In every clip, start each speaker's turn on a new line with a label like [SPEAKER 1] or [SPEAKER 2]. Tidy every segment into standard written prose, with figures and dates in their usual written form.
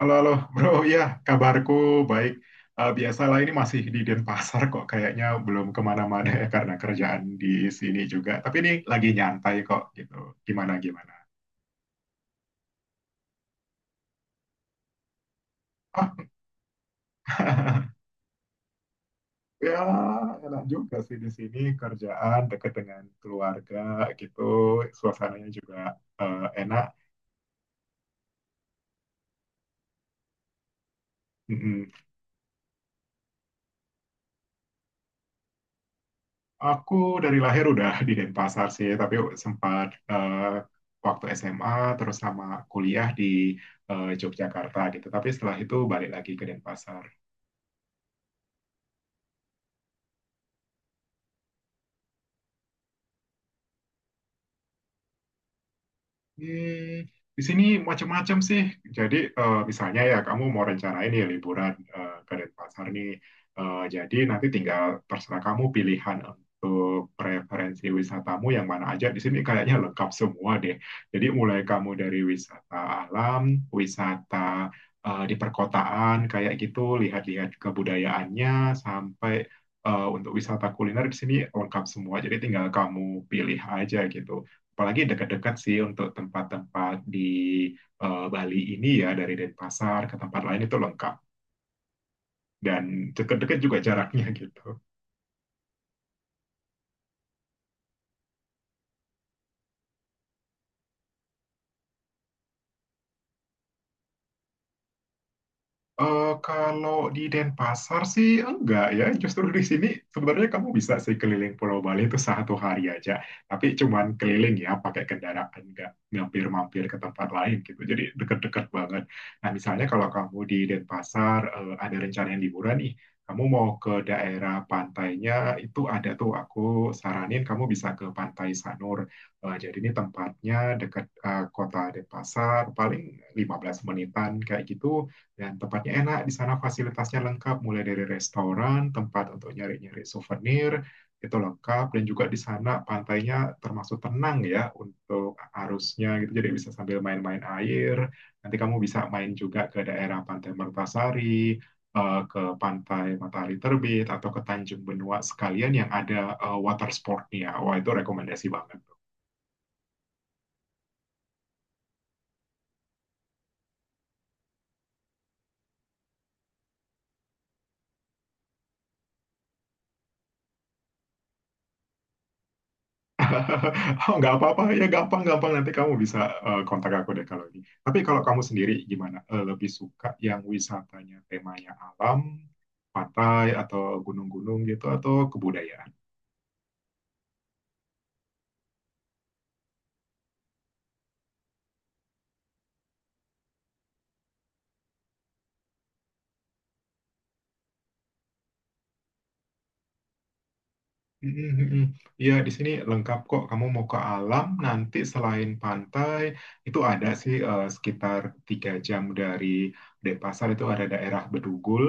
[SPEAKER 1] Halo, halo, bro. Ya, kabarku baik. Biasalah ini masih di Denpasar kok. Kayaknya belum kemana-mana ya karena kerjaan di sini juga. Tapi ini lagi nyantai kok gitu. Gimana, gimana? Oh, ya enak juga sih di sini kerjaan deket dengan keluarga gitu. Suasananya juga enak. Aku dari lahir udah di Denpasar sih, tapi sempat waktu SMA terus sama kuliah di Yogyakarta gitu. Tapi setelah itu balik lagi ke Denpasar. Hmm, di sini macam-macam sih. Jadi misalnya ya kamu mau rencanain ya liburan ke Denpasar nih. Jadi nanti tinggal terserah kamu pilihan untuk preferensi wisatamu yang mana aja. Di sini kayaknya lengkap semua deh. Jadi mulai kamu dari wisata alam, wisata di perkotaan kayak gitu, lihat-lihat kebudayaannya sampai untuk wisata kuliner di sini lengkap semua. Jadi tinggal kamu pilih aja gitu, apalagi dekat-dekat sih untuk tempat-tempat di Bali ini ya, dari Denpasar ke tempat lain itu lengkap dan dekat-dekat juga jaraknya gitu. Kalau di Denpasar sih enggak ya, justru di sini sebenarnya kamu bisa sih keliling Pulau Bali itu satu hari aja, tapi cuman keliling ya pakai kendaraan, enggak mampir-mampir ke tempat lain gitu, jadi deket-deket banget. Nah misalnya kalau kamu di Denpasar ada rencana yang liburan nih, kamu mau ke daerah pantainya, itu ada tuh aku saranin kamu bisa ke Pantai Sanur. Jadi ini tempatnya dekat kota Denpasar, paling 15 menitan kayak gitu, dan tempatnya enak, di sana fasilitasnya lengkap, mulai dari restoran, tempat untuk nyari-nyari souvenir, itu lengkap, dan juga di sana pantainya termasuk tenang ya untuk arusnya gitu, jadi bisa sambil main-main air, nanti kamu bisa main juga ke daerah Pantai Mertasari, ke Pantai Matahari Terbit, atau ke Tanjung Benua sekalian yang ada water sportnya, wah itu rekomendasi banget. Oh, nggak apa-apa ya, gampang-gampang nanti kamu bisa kontak aku deh kalau ini. Tapi kalau kamu sendiri gimana? Eh, lebih suka yang wisatanya temanya alam, pantai atau gunung-gunung gitu atau kebudayaan? Mm, mm, mm. Ya, di sini lengkap kok. Kamu mau ke alam, nanti selain pantai, itu ada sih sekitar 3 jam dari Denpasar itu ada daerah Bedugul.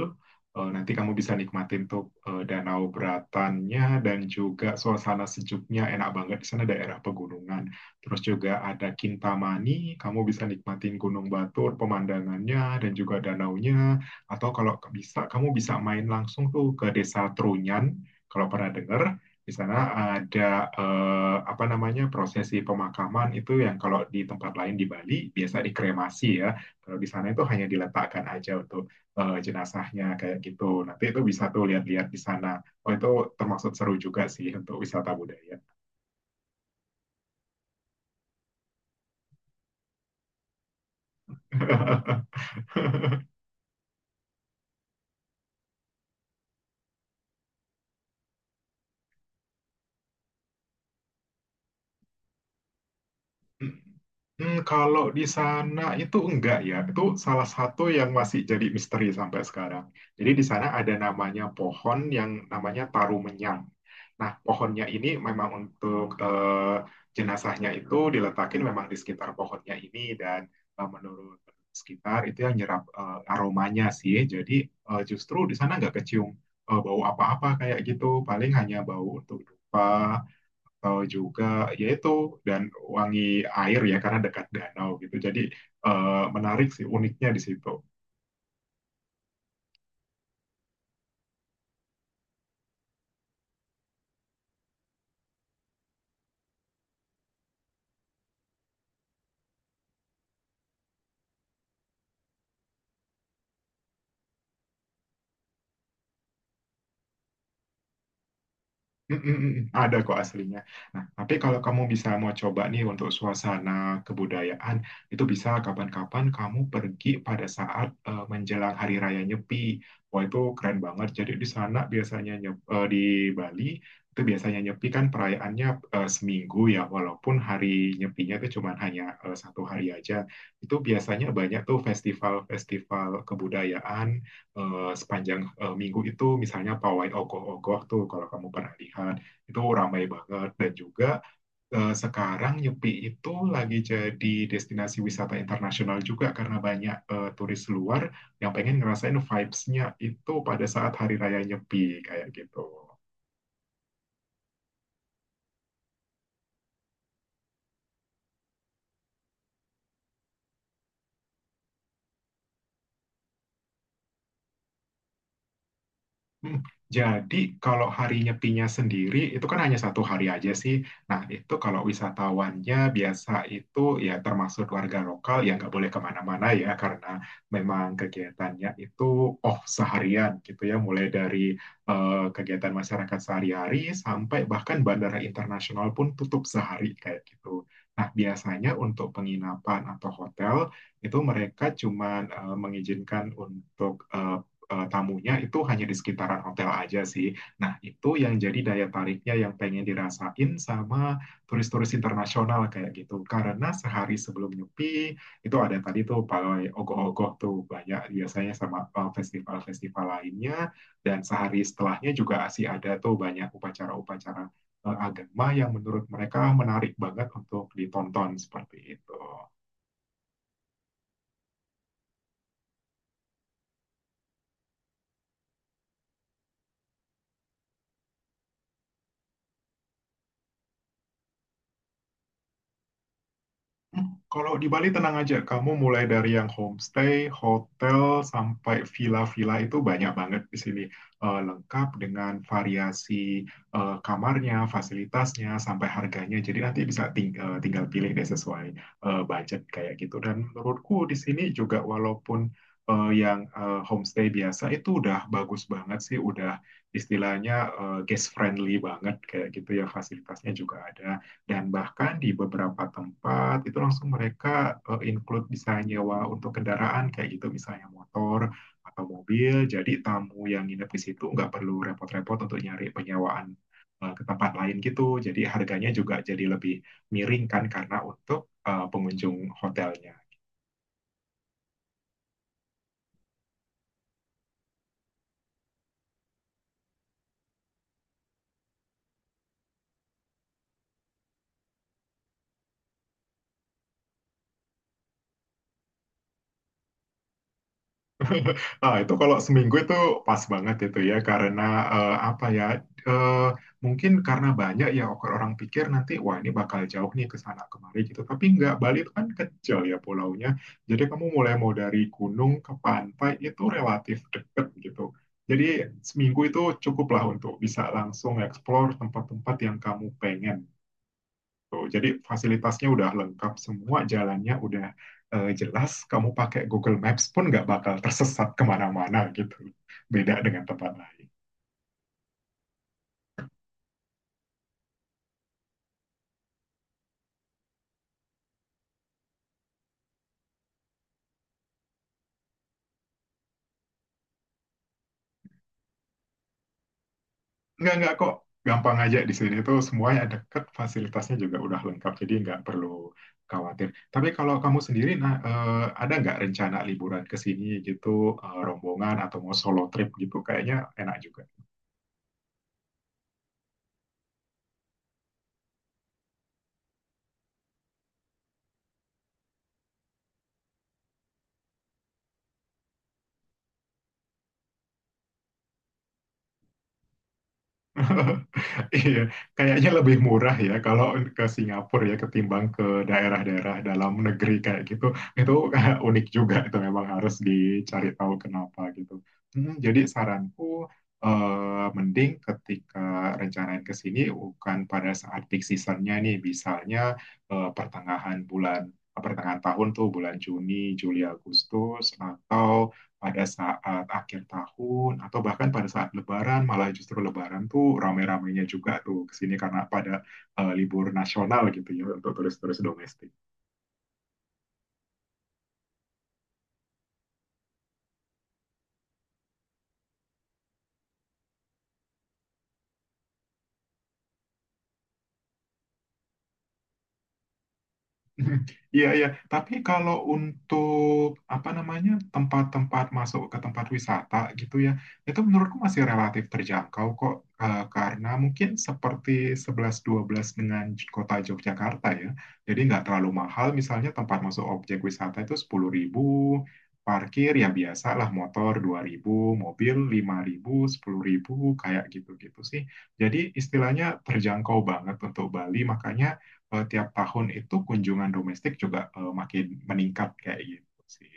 [SPEAKER 1] Nanti kamu bisa nikmatin tuh danau beratannya dan juga suasana sejuknya, enak banget di sana daerah pegunungan. Terus juga ada Kintamani, kamu bisa nikmatin Gunung Batur, pemandangannya dan juga danaunya. Atau kalau bisa, kamu bisa main langsung tuh ke Desa Trunyan. Kalau pernah dengar, di sana ada apa namanya prosesi pemakaman itu, yang kalau di tempat lain di Bali biasa dikremasi ya. Kalau di sana itu hanya diletakkan aja untuk jenazahnya kayak gitu. Nanti itu bisa tuh lihat-lihat di sana. Oh itu termasuk seru juga sih untuk wisata budaya. Hmm, kalau di sana itu enggak ya, itu salah satu yang masih jadi misteri sampai sekarang. Jadi di sana ada namanya pohon yang namanya tarumenyang. Nah, pohonnya ini memang untuk jenazahnya itu diletakin, memang di sekitar pohonnya ini, dan menurut sekitar itu yang nyerap aromanya sih. Jadi justru di sana nggak kecium bau apa-apa kayak gitu, paling hanya bau untuk dupa atau juga yaitu dan wangi air ya karena dekat danau gitu. Jadi eh, menarik sih uniknya di situ. Mm, mm, mm. Mm. Ada kok aslinya. Nah, tapi kalau kamu bisa mau coba nih untuk suasana kebudayaan, itu bisa kapan-kapan kamu pergi pada saat menjelang Hari Raya Nyepi. Wah, itu keren banget. Jadi di Bali itu biasanya Nyepi kan perayaannya seminggu ya, walaupun hari Nyepinya itu cuma hanya satu hari aja. Itu biasanya banyak tuh festival-festival kebudayaan sepanjang minggu itu, misalnya pawai ogoh-ogoh tuh, kalau kamu pernah lihat itu ramai banget. Dan juga sekarang Nyepi itu lagi jadi destinasi wisata internasional juga, karena banyak turis luar yang pengen ngerasain vibes-nya itu pada saat hari raya Nyepi kayak gitu. Hmm, jadi kalau hari nyepinya sendiri itu kan hanya satu hari aja sih. Nah itu kalau wisatawannya biasa itu ya, termasuk warga lokal ya, nggak boleh kemana-mana ya karena memang kegiatannya itu off seharian gitu ya, mulai dari kegiatan masyarakat sehari-hari sampai bahkan bandara internasional pun tutup sehari kayak gitu. Nah biasanya untuk penginapan atau hotel itu mereka cuman mengizinkan untuk tamunya itu hanya di sekitaran hotel aja sih. Nah, itu yang jadi daya tariknya yang pengen dirasain sama turis-turis internasional kayak gitu. Karena sehari sebelum Nyepi, itu ada tadi tuh pawai ogoh-ogoh tuh banyak, biasanya sama festival-festival lainnya. Dan sehari setelahnya juga masih ada tuh banyak upacara-upacara agama yang menurut mereka menarik banget untuk ditonton seperti itu. Kalau di Bali tenang aja, kamu mulai dari yang homestay, hotel, sampai villa-villa itu banyak banget di sini. Lengkap dengan variasi kamarnya, fasilitasnya, sampai harganya. Jadi nanti bisa tinggal pilih deh sesuai budget kayak gitu. Dan menurutku di sini juga walaupun yang homestay biasa itu udah bagus banget sih, udah istilahnya guest friendly banget kayak gitu ya, fasilitasnya juga ada. Dan bahkan di beberapa tempat itu langsung mereka include bisa nyewa untuk kendaraan kayak gitu, misalnya motor atau mobil. Jadi tamu yang nginep di situ nggak perlu repot-repot untuk nyari penyewaan ke tempat lain gitu. Jadi harganya juga jadi lebih miring kan, karena untuk pengunjung hotelnya. Nah, itu kalau seminggu itu pas banget itu ya karena apa ya eh, mungkin karena banyak ya orang pikir nanti wah ini bakal jauh nih ke sana kemari gitu, tapi nggak, Bali itu kan kecil ya pulaunya, jadi kamu mulai mau dari gunung ke pantai itu relatif deket gitu, jadi seminggu itu cukuplah untuk bisa langsung explore tempat-tempat yang kamu pengen tuh. Jadi fasilitasnya udah lengkap semua, jalannya udah jelas. Kamu pakai Google Maps pun nggak bakal tersesat kemana-mana gitu. Beda dengan tempat lain. Nggak kok. Gampang aja, di sini tuh semuanya deket, fasilitasnya juga udah lengkap. Jadi nggak perlu khawatir. Tapi kalau kamu sendiri, nah, eh, ada nggak rencana liburan ke sini gitu, rombongan atau mau solo trip gitu? Kayaknya enak juga. Iya, kayaknya lebih murah ya kalau ke Singapura ya ketimbang ke daerah-daerah dalam negeri kayak gitu. Itu unik juga itu, memang harus dicari tahu kenapa gitu. Hmm, jadi saranku mending ketika rencanain ke sini bukan pada saat peak seasonnya nih, misalnya pertengahan tahun tuh bulan Juni, Juli, Agustus, atau pada saat akhir tahun, atau bahkan pada saat Lebaran. Malah justru Lebaran tuh rame-ramenya juga tuh kesini karena pada libur nasional gitu ya untuk turis-turis domestik. Iya, iya. Tapi kalau untuk apa namanya tempat-tempat masuk ke tempat wisata gitu ya, itu menurutku masih relatif terjangkau kok. Karena mungkin seperti sebelas dua belas dengan kota Yogyakarta ya. Jadi nggak terlalu mahal. Misalnya tempat masuk objek wisata itu 10.000, parkir ya biasa lah, motor 2.000, mobil 5.000 10.000, kayak gitu-gitu sih. Jadi istilahnya terjangkau banget untuk Bali. Makanya tiap tahun itu kunjungan domestik juga makin meningkat kayak gitu sih.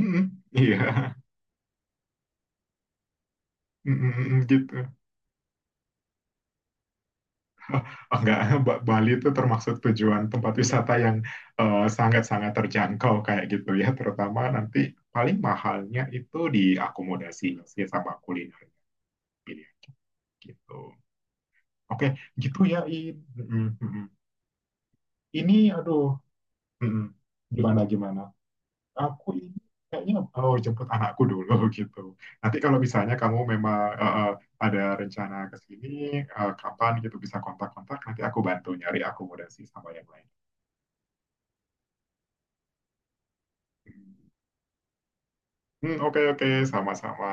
[SPEAKER 1] Mm-mm, iya, mm-mm, gitu. Oh, enggak, Bali itu termasuk tujuan tempat wisata yang sangat-sangat terjangkau kayak gitu ya, terutama nanti paling mahalnya itu di akomodasinya sih, sama kuliner pilihan gitu. Oke, gitu ya, In. Mm-mm, mm-mm. Ini, aduh, mm-mm. Gimana gimana? Aku ini kayaknya oh jemput anakku dulu gitu. Nanti kalau misalnya kamu memang ada rencana ke sini kapan gitu, bisa kontak-kontak nanti aku bantu nyari akomodasi sama yang lain. Hmm, oke oke, sama-sama.